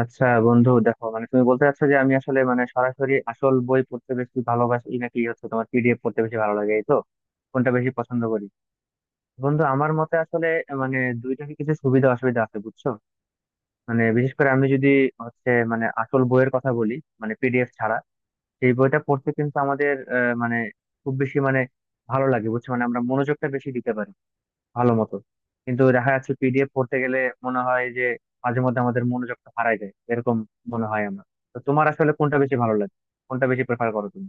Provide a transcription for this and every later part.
আচ্ছা বন্ধু দেখো, তুমি বলতে চাচ্ছ যে আমি আসলে সরাসরি আসল বই পড়তে বেশি ভালোবাসি, নাকি হচ্ছে তোমার পিডিএফ পড়তে বেশি ভালো লাগে, এই তো? কোনটা বেশি পছন্দ করি? বন্ধু, আমার মতে আসলে দুইটারই কিছু সুবিধা অসুবিধা আছে, বুঝছো। বিশেষ করে আমি যদি হচ্ছে মানে আসল বইয়ের কথা বলি, পিডিএফ ছাড়া সেই বইটা পড়তে কিন্তু আমাদের আহ, মানে খুব বেশি ভালো লাগে, বুঝছো। আমরা মনোযোগটা বেশি দিতে পারি ভালো মতো। কিন্তু দেখা যাচ্ছে পিডিএফ পড়তে গেলে মনে হয় যে মাঝে মধ্যে আমাদের মনোযোগটা হারায় যায়, এরকম মনে হয় আমার। তো তোমার আসলে কোনটা বেশি ভালো লাগে? কোনটা বেশি প্রেফার করো তুমি?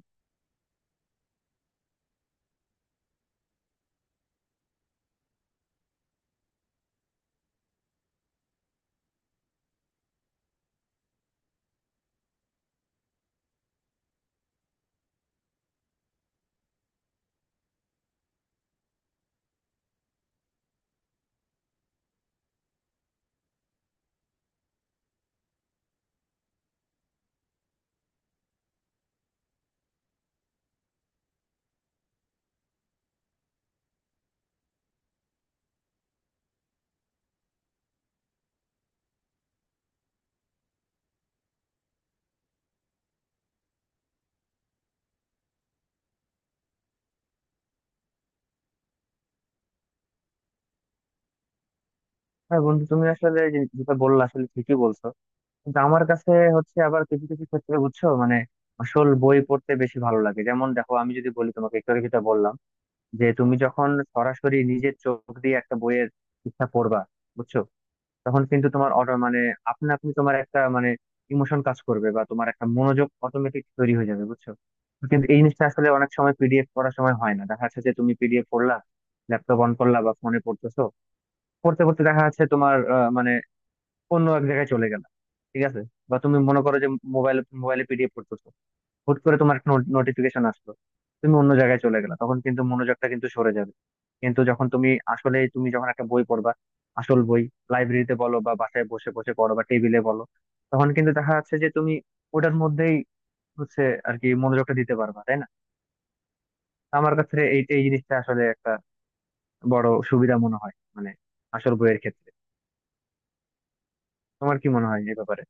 হ্যাঁ বন্ধু, তুমি আসলে যেটা বললা, আসলে ঠিকই বলছো। কিন্তু আমার কাছে আবার কিছু কিছু ক্ষেত্রে, বুঝছো, আসল বই পড়তে বেশি ভালো লাগে। যেমন দেখো, আমি যদি বলি তোমাকে, একটু আগে যেটা বললাম যে তুমি যখন সরাসরি নিজের চোখ দিয়ে একটা বইয়ের ইচ্ছা পড়বা, বুঝছো, তখন কিন্তু তোমার অটো আপনা আপনি তোমার একটা ইমোশন কাজ করবে, বা তোমার একটা মনোযোগ অটোমেটিক তৈরি হয়ে যাবে, বুঝছো। কিন্তু এই জিনিসটা আসলে অনেক সময় পিডিএফ পড়ার সময় হয় না। দেখা যাচ্ছে যে তুমি পিডিএফ পড়লা, ল্যাপটপ অন করলা বা ফোনে পড়তেছো, পড়তে পড়তে দেখা যাচ্ছে তোমার আহ, মানে অন্য এক জায়গায় চলে গেলা, ঠিক আছে? বা তুমি মনে করো যে মোবাইলে পিডিএফ পড়তেছো, হুট করে তোমার একটা নোটিফিকেশন আসলো, তুমি অন্য জায়গায় চলে গেলে, তখন কিন্তু মনোযোগটা কিন্তু সরে যাবে। কিন্তু যখন তুমি আসলে তুমি যখন একটা বই পড়বা, আসল বই, লাইব্রেরিতে বলো বা বাসায় বসে বসে পড়ো বা টেবিলে বলো, তখন কিন্তু দেখা যাচ্ছে যে তুমি ওটার মধ্যেই আর কি মনোযোগটা দিতে পারবা, তাই না? তো আমার কাছে এই এই জিনিসটা আসলে একটা বড় সুবিধা মনে হয়, আসল বইয়ের ক্ষেত্রে। তোমার কি মনে হয় এই ব্যাপারে?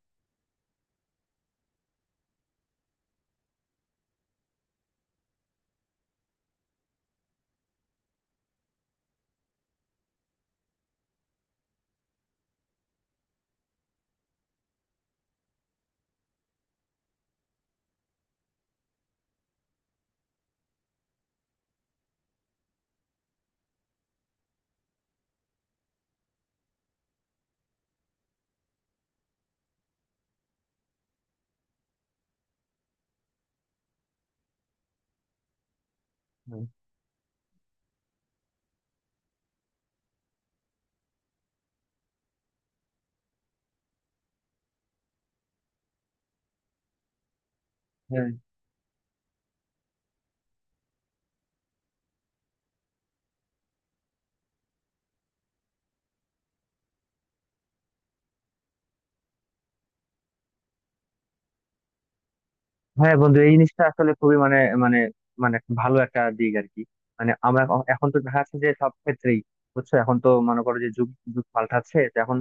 হুম। হ্যাঁ হ্যাঁ বন্ধু, এই জিনিসটা আসলে খুবই মানে মানে মানে একটা ভালো একটা দিক, আর কি। আমরা এখন এখন তো দেখা যাচ্ছে যে সব ক্ষেত্রেই, বুঝছো, এখন তো মনে করো যে যুগ যুগ পাল্টাচ্ছে। তো এখন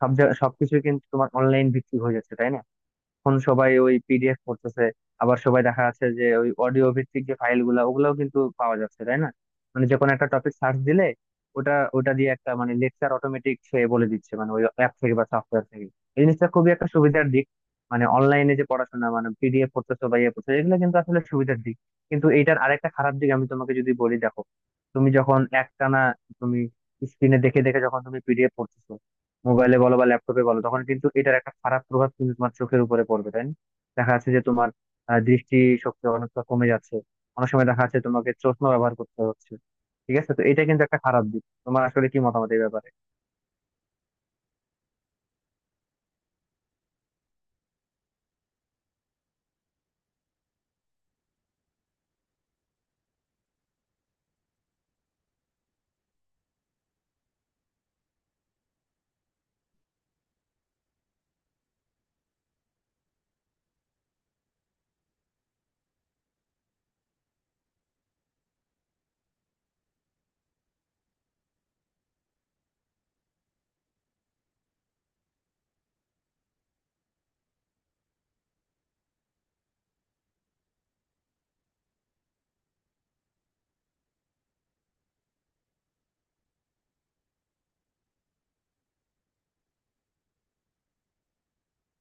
সবকিছু কিন্তু তোমার অনলাইন ভিত্তিক হয়ে যাচ্ছে, তাই না? এখন সবাই ওই পিডিএফ করতেছে। আবার সবাই দেখা যাচ্ছে যে ওই অডিও ভিত্তিক যে ফাইল গুলা ওগুলাও কিন্তু পাওয়া যাচ্ছে, তাই না? যে কোনো একটা টপিক সার্চ দিলে ওটা ওটা দিয়ে একটা লেকচার অটোমেটিক সে বলে দিচ্ছে, ওই অ্যাপ থেকে বা সফটওয়্যার থেকে। এই জিনিসটা খুবই একটা সুবিধার দিক। অনলাইনে যে পড়াশোনা, পিডিএফ পড়তেছো বা ইয়ে পড়তেছো, এগুলো কিন্তু আসলে সুবিধার দিক। কিন্তু এইটার আরেকটা খারাপ দিক আমি তোমাকে যদি বলি, দেখো, তুমি যখন একটানা তুমি স্ক্রিনে দেখে দেখে যখন তুমি পিডিএফ পড়তেছো, মোবাইলে বলো বা ল্যাপটপে বলো, তখন কিন্তু এটার একটা খারাপ প্রভাব কিন্তু তোমার চোখের উপরে পড়বে, তাই না? দেখা যাচ্ছে যে তোমার দৃষ্টিশক্তি অনেকটা কমে যাচ্ছে, অনেক সময় দেখা যাচ্ছে তোমাকে চশমা ব্যবহার করতে হচ্ছে, ঠিক আছে? তো এটা কিন্তু একটা খারাপ দিক। তোমার আসলে কি মতামত এই ব্যাপারে?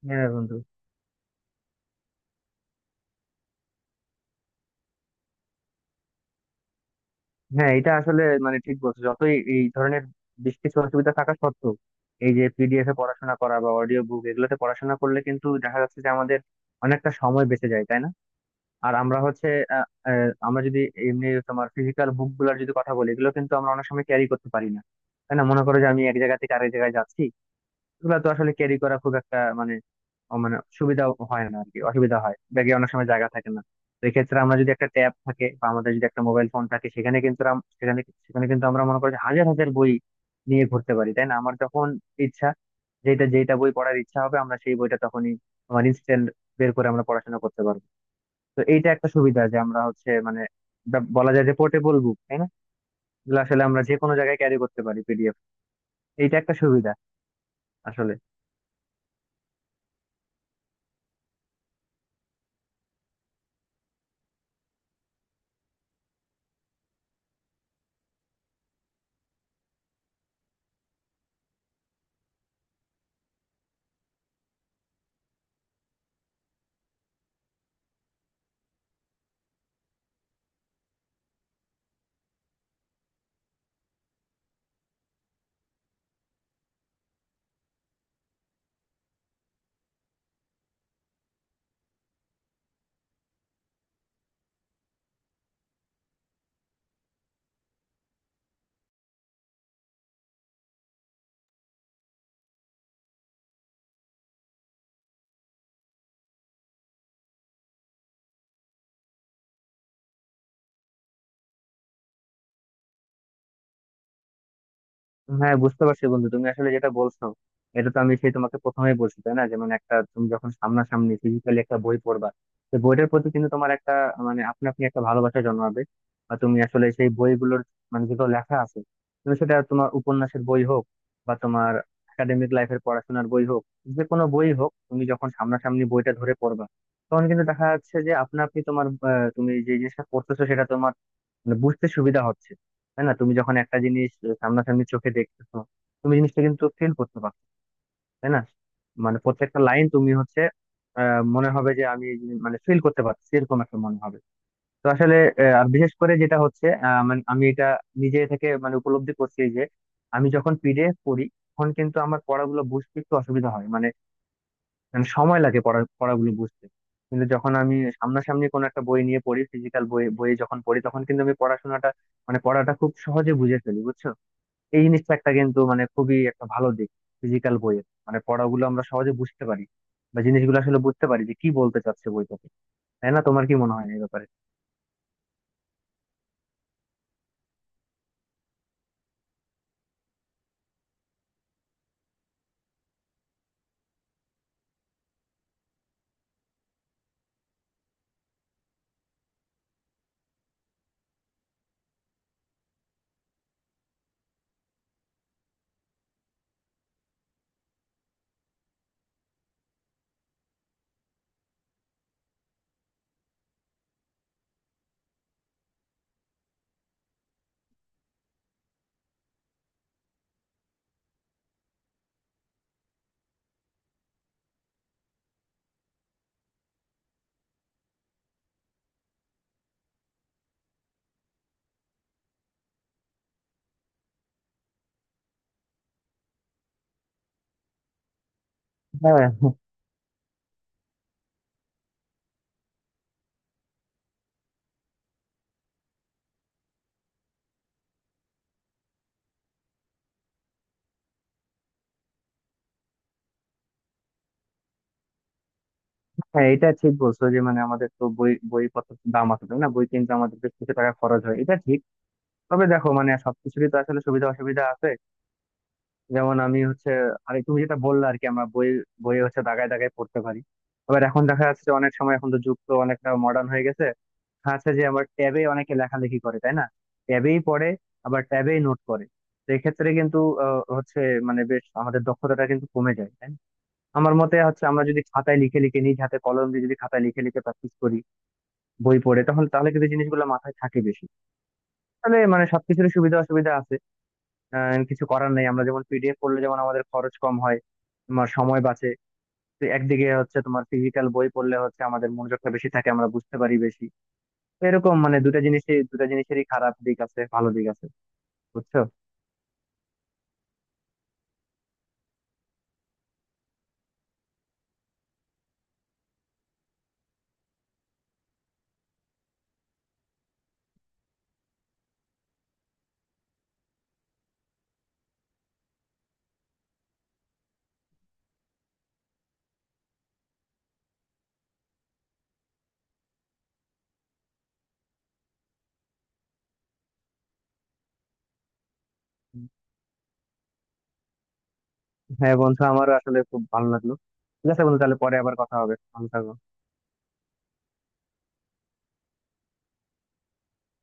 হ্যাঁ বন্ধু। হ্যাঁ, এটা আসলে ঠিক বলছো। যতই এই ধরনের বেশ কিছু অসুবিধা থাকা সত্ত্বেও এই যে পিডিএফ এ পড়াশোনা করা বা অডিও বুক এগুলোতে পড়াশোনা করলে কিন্তু দেখা যাচ্ছে যে আমাদের অনেকটা সময় বেঁচে যায়, তাই না? আর আমরা আহ, আমরা যদি এমনি তোমার ফিজিক্যাল বুক গুলার যদি কথা বলি, এগুলো কিন্তু আমরা অনেক সময় ক্যারি করতে পারি না, তাই না? মনে করো যে আমি এক জায়গা থেকে আরেক জায়গায় যাচ্ছি, এগুলো তো আসলে ক্যারি করা খুব একটা মানে ও মানে সুবিধা হয় না, আর কি। অসুবিধা হয়, ব্যাগে অনেক সময় জায়গা থাকে না। তো এক্ষেত্রে আমরা যদি একটা ট্যাব থাকে বা আমাদের যদি একটা মোবাইল ফোন থাকে, সেখানে কিন্তু আম- সেখানে সেখানে কিন্তু আমরা মনে করি যে হাজার হাজার বই নিয়ে ঘুরতে পারি, তাই না? আমার যখন ইচ্ছা, যেটা যেটা বই পড়ার ইচ্ছা হবে, আমরা সেই বইটা তখনই আমার ইনস্ট্যান্ট বের করে আমরা পড়াশোনা করতে পারবো। তো এইটা একটা সুবিধা যে আমরা বলা যায় যে পোর্টেবল বুক, তাই না? এগুলো আসলে আমরা যে কোনো জায়গায় ক্যারি করতে পারি, পিডিএফ। এইটা একটা সুবিধা আসলে। হ্যাঁ, বুঝতে পারছি বন্ধু, তুমি আসলে যেটা বলছো, এটা তো আমি সেই তোমাকে প্রথমেই বলছি, তাই না? যেমন একটা তুমি যখন সামনাসামনি ফিজিক্যালি একটা বই পড়বা, তো বইটার প্রতি কিন্তু তোমার একটা আপনি আপনি একটা ভালোবাসা জন্মাবে। বা তুমি আসলে সেই বইগুলোর যেগুলো লেখা আছে, তুমি সেটা তোমার উপন্যাসের বই হোক বা তোমার একাডেমিক লাইফের পড়াশোনার বই হোক, যে কোনো বই হোক, তুমি যখন সামনাসামনি বইটা ধরে পড়বা, তখন কিন্তু দেখা যাচ্ছে যে আপনা আপনি তোমার তুমি যে জিনিসটা পড়তেছো সেটা তোমার বুঝতে সুবিধা হচ্ছে, তাই না? তুমি যখন একটা জিনিস সামনাসামনি চোখে দেখতেছো, তুমি জিনিসটা কিন্তু ফিল করতে পারছো, তাই না? প্রত্যেকটা লাইন তুমি মনে হবে যে আমি এই জিনিস- মানে ফিল করতে পারছি, এরকম একটা মনে হবে। তো আসলে আর বিশেষ করে যেটা হচ্ছে, আহ, মানে আমি এটা নিজে থেকে উপলব্ধি করছি যে আমি যখন পিডিএফ পড়ি, তখন কিন্তু আমার পড়াগুলো বুঝতে একটু অসুবিধা হয়, মানে মানে সময় লাগে পড়াগুলো বুঝতে। কিন্তু যখন আমি সামনাসামনি কোনো একটা বই নিয়ে পড়ি, ফিজিক্যাল বইয়ে যখন পড়ি, তখন কিন্তু আমি পড়াশোনাটা পড়াটা খুব সহজে বুঝে ফেলি, বুঝছো। এই জিনিসটা একটা কিন্তু খুবই একটা ভালো দিক, ফিজিক্যাল বইয়ের পড়াগুলো আমরা সহজে বুঝতে পারি বা জিনিসগুলো আসলে বুঝতে পারি যে কি বলতে চাচ্ছে বইটাতে, তাই না? তোমার কি মনে হয় এই ব্যাপারে? হ্যাঁ। হ্যাঁ, এটা ঠিক বলছো যে আমাদের তো বইপত্র দাম আছে, তাই না? বই কিনতে আমাদের বেশ কিছু টাকা খরচ হয়, এটা ঠিক। তবে দেখো, সবকিছুরই তো আসলে সুবিধা অসুবিধা আছে। যেমন আমি আর তুমি যেটা বললে আর কি, আমরা বই বই হচ্ছে দাগায় দাগায় পড়তে পারি। আবার এখন দেখা যাচ্ছে যে অনেক সময় এখন তো যুগ তো অনেকটা মডার্ন হয়ে গেছে, দেখা যাচ্ছে যে আমার ট্যাবে অনেকে লেখালেখি করে, তাই না? ট্যাবেই পড়ে, আবার ট্যাবেই নোট করে। তো এক্ষেত্রে কিন্তু আহ, হচ্ছে মানে বেশ আমাদের দক্ষতাটা কিন্তু কমে যায়, তাই না? আমার মতে হচ্ছে, আমরা যদি খাতায় লিখে লিখে নিজ হাতে কলম দিয়ে যদি খাতায় লিখে লিখে প্র্যাকটিস করি, বই পড়ে তখন, তাহলে কিন্তু জিনিসগুলো মাথায় থাকে বেশি। তাহলে সবকিছুর সুবিধা অসুবিধা আছে, কিছু করার নেই। আমরা যেমন পিডিএফ পড়লে যেমন আমাদের খরচ কম হয়, তোমার সময় বাঁচে। তো একদিকে হচ্ছে তোমার ফিজিক্যাল বই পড়লে হচ্ছে আমাদের মনোযোগটা বেশি থাকে, আমরা বুঝতে পারি বেশি। তো এরকম মানে দুটা জিনিসই দুটা জিনিসেরই খারাপ দিক আছে, ভালো দিক আছে, বুঝছো। হ্যাঁ বন্ধু, আমারও আসলে খুব ভালো লাগলো। ঠিক আছে বন্ধু, তাহলে পরে আবার কথা হবে, ভালো থাকো।